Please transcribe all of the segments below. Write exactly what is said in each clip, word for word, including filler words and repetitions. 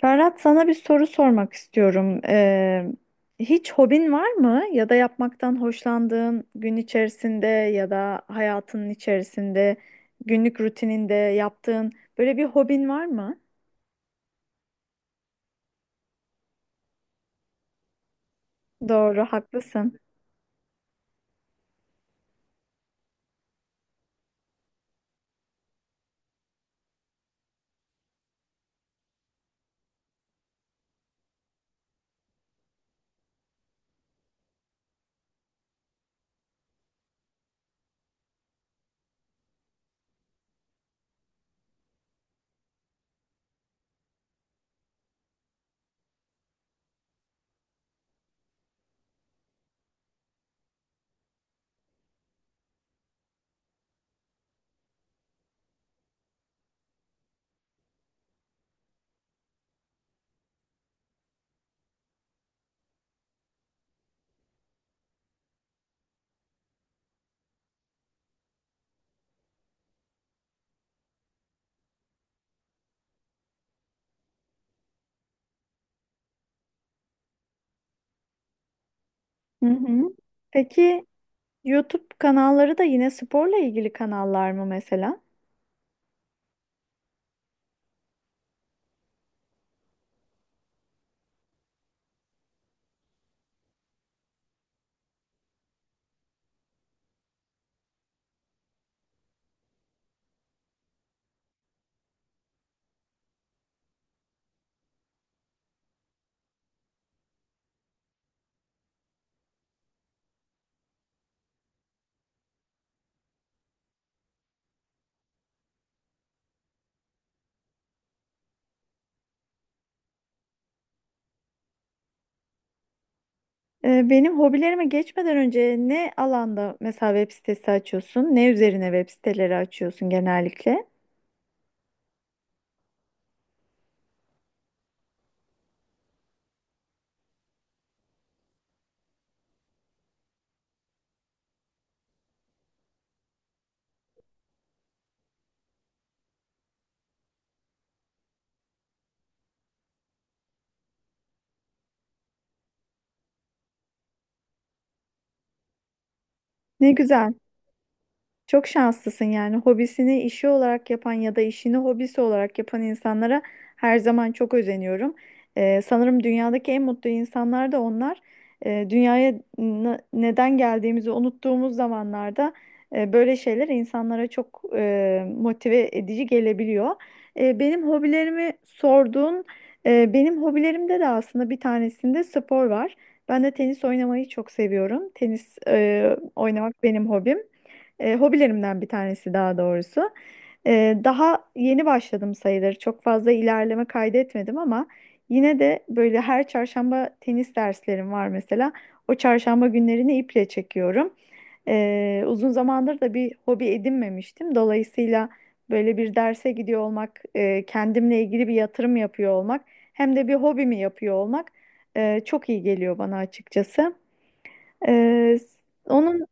Ferhat sana bir soru sormak istiyorum. Ee, hiç hobin var mı? Ya da yapmaktan hoşlandığın gün içerisinde ya da hayatının içerisinde, günlük rutininde yaptığın böyle bir hobin var mı? Doğru, haklısın. Hı hı. Peki YouTube kanalları da yine sporla ilgili kanallar mı mesela? Ee, benim hobilerime geçmeden önce ne alanda mesela web sitesi açıyorsun? Ne üzerine web siteleri açıyorsun genellikle? Ne güzel. Çok şanslısın yani hobisini işi olarak yapan ya da işini hobisi olarak yapan insanlara her zaman çok özeniyorum. Ee, sanırım dünyadaki en mutlu insanlar da onlar. Ee, dünyaya n- neden geldiğimizi unuttuğumuz zamanlarda e, böyle şeyler insanlara çok e, motive edici gelebiliyor. E, benim hobilerimi sorduğun, e, benim hobilerimde de aslında bir tanesinde spor var. Ben de tenis oynamayı çok seviyorum. Tenis e, oynamak benim hobim. E, hobilerimden bir tanesi daha doğrusu. E, daha yeni başladım sayılır. Çok fazla ilerleme kaydetmedim ama yine de böyle her çarşamba tenis derslerim var mesela. O çarşamba günlerini iple çekiyorum. E, uzun zamandır da bir hobi edinmemiştim. Dolayısıyla böyle bir derse gidiyor olmak, e, kendimle ilgili bir yatırım yapıyor olmak, hem de bir hobimi yapıyor olmak e, çok iyi geliyor bana açıkçası. E, onun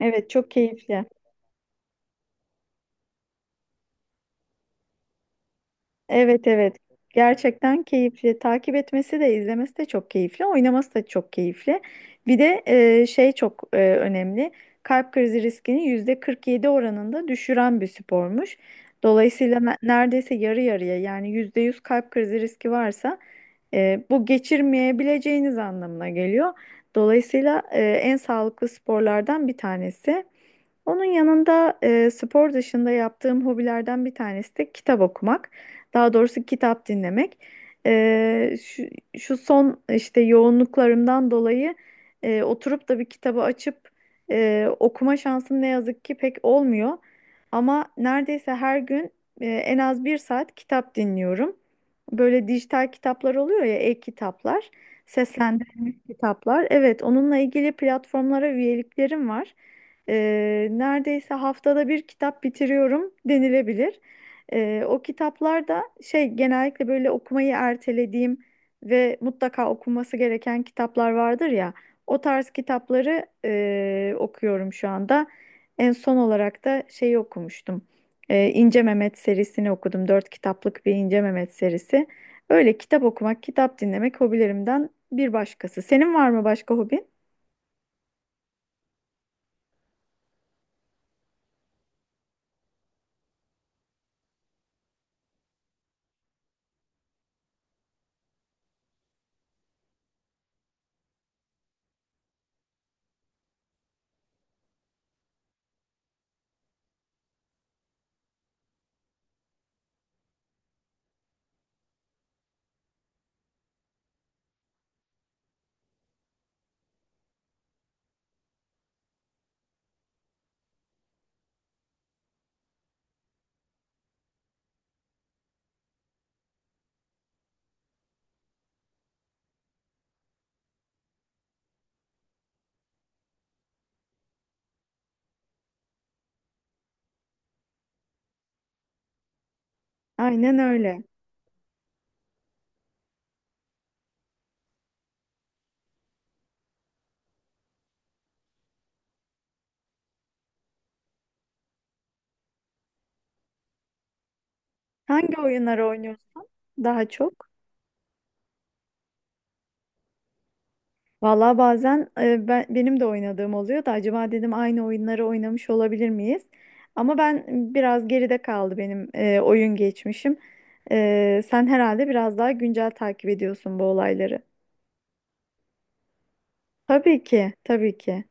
evet çok keyifli. Evet evet. Gerçekten keyifli. Takip etmesi de izlemesi de çok keyifli. Oynaması da çok keyifli. Bir de e, şey çok e, önemli. Kalp krizi riskini yüzde kırk yedi oranında düşüren bir spormuş. Dolayısıyla ne- neredeyse yarı yarıya yani yüzde yüz kalp krizi riski varsa e, bu geçirmeyebileceğiniz anlamına geliyor. Dolayısıyla e, en sağlıklı sporlardan bir tanesi. Onun yanında e, spor dışında yaptığım hobilerden bir tanesi de kitap okumak. Daha doğrusu kitap dinlemek. E, şu, şu son işte yoğunluklarımdan dolayı e, oturup da bir kitabı açıp e, okuma şansım ne yazık ki pek olmuyor. Ama neredeyse her gün e, en az bir saat kitap dinliyorum. Böyle dijital kitaplar oluyor ya, e-kitaplar, seslendirilmiş kitaplar. Evet, onunla ilgili platformlara üyeliklerim var. Eee, neredeyse haftada bir kitap bitiriyorum denilebilir. Eee, o kitaplar da şey genellikle böyle okumayı ertelediğim ve mutlaka okunması gereken kitaplar vardır ya. O tarz kitapları eee, okuyorum şu anda. En son olarak da şeyi okumuştum. Eee İnce Mehmet serisini okudum. Dört kitaplık bir İnce Mehmet serisi. Öyle kitap okumak, kitap dinlemek hobilerimden bir başkası. Senin var mı başka hobin? Aynen öyle. Hangi oyunları oynuyorsun daha çok? Valla bazen e, ben, benim de oynadığım oluyor da acaba dedim aynı oyunları oynamış olabilir miyiz? Ama ben biraz geride kaldı benim e, oyun geçmişim. E, sen herhalde biraz daha güncel takip ediyorsun bu olayları. Tabii ki, tabii ki.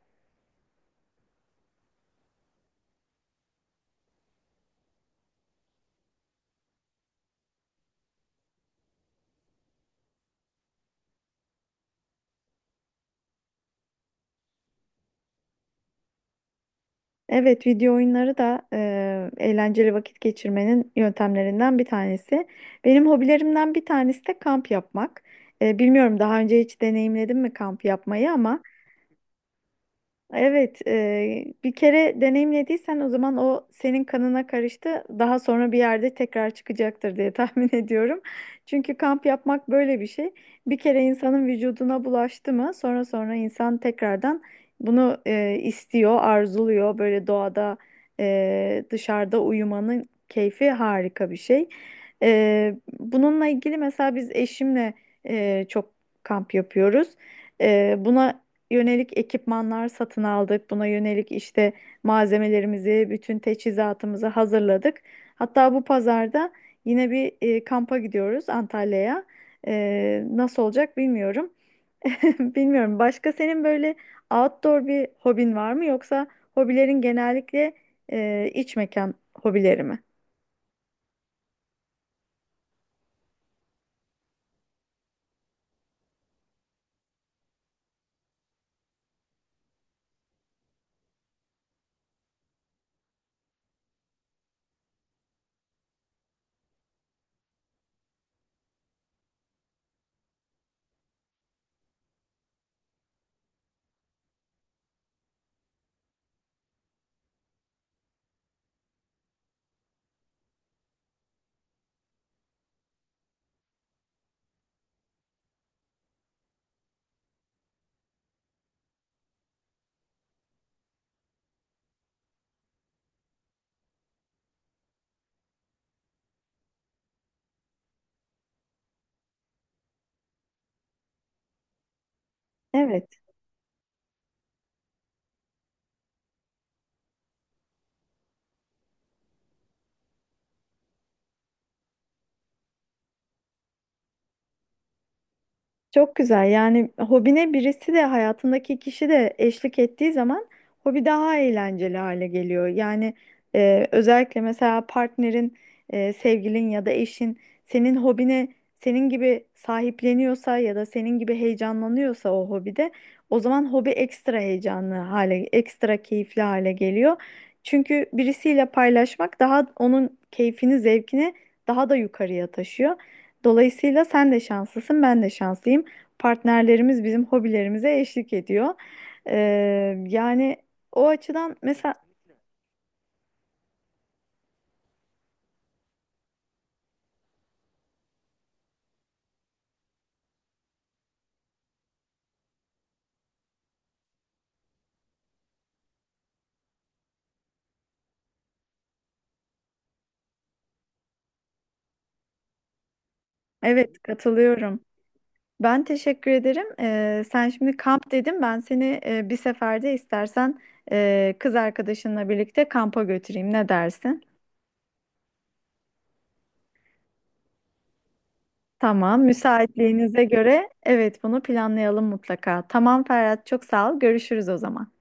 Evet, video oyunları da e, eğlenceli vakit geçirmenin yöntemlerinden bir tanesi. Benim hobilerimden bir tanesi de kamp yapmak. E, bilmiyorum daha önce hiç deneyimledim mi kamp yapmayı ama... Evet, e, bir kere deneyimlediysen o zaman o senin kanına karıştı. Daha sonra bir yerde tekrar çıkacaktır diye tahmin ediyorum. Çünkü kamp yapmak böyle bir şey. Bir kere insanın vücuduna bulaştı mı, sonra sonra insan tekrardan bunu e, istiyor, arzuluyor. Böyle doğada, e, dışarıda uyumanın keyfi harika bir şey. E, bununla ilgili mesela biz eşimle e, çok kamp yapıyoruz. E, buna yönelik ekipmanlar satın aldık. Buna yönelik işte malzemelerimizi, bütün teçhizatımızı hazırladık. Hatta bu pazarda yine bir e, kampa gidiyoruz Antalya'ya. E, nasıl olacak bilmiyorum. Bilmiyorum. Başka senin böyle outdoor bir hobin var mı yoksa hobilerin genellikle e, iç mekan hobileri mi? Evet. Çok güzel. Yani hobine birisi de hayatındaki kişi de eşlik ettiği zaman hobi daha eğlenceli hale geliyor. Yani e, özellikle mesela partnerin, e, sevgilin ya da eşin senin hobine senin gibi sahipleniyorsa ya da senin gibi heyecanlanıyorsa o hobide o zaman hobi ekstra heyecanlı hale, ekstra keyifli hale geliyor. Çünkü birisiyle paylaşmak daha onun keyfini, zevkini daha da yukarıya taşıyor. Dolayısıyla sen de şanslısın, ben de şanslıyım. Partnerlerimiz bizim hobilerimize eşlik ediyor. Ee, yani o açıdan mesela evet katılıyorum. Ben teşekkür ederim. Ee, sen şimdi kamp dedim. Ben seni e, bir seferde istersen e, kız arkadaşınla birlikte kampa götüreyim. Ne dersin? Tamam, müsaitliğinize göre evet bunu planlayalım mutlaka. Tamam Ferhat, çok sağ ol. Görüşürüz o zaman.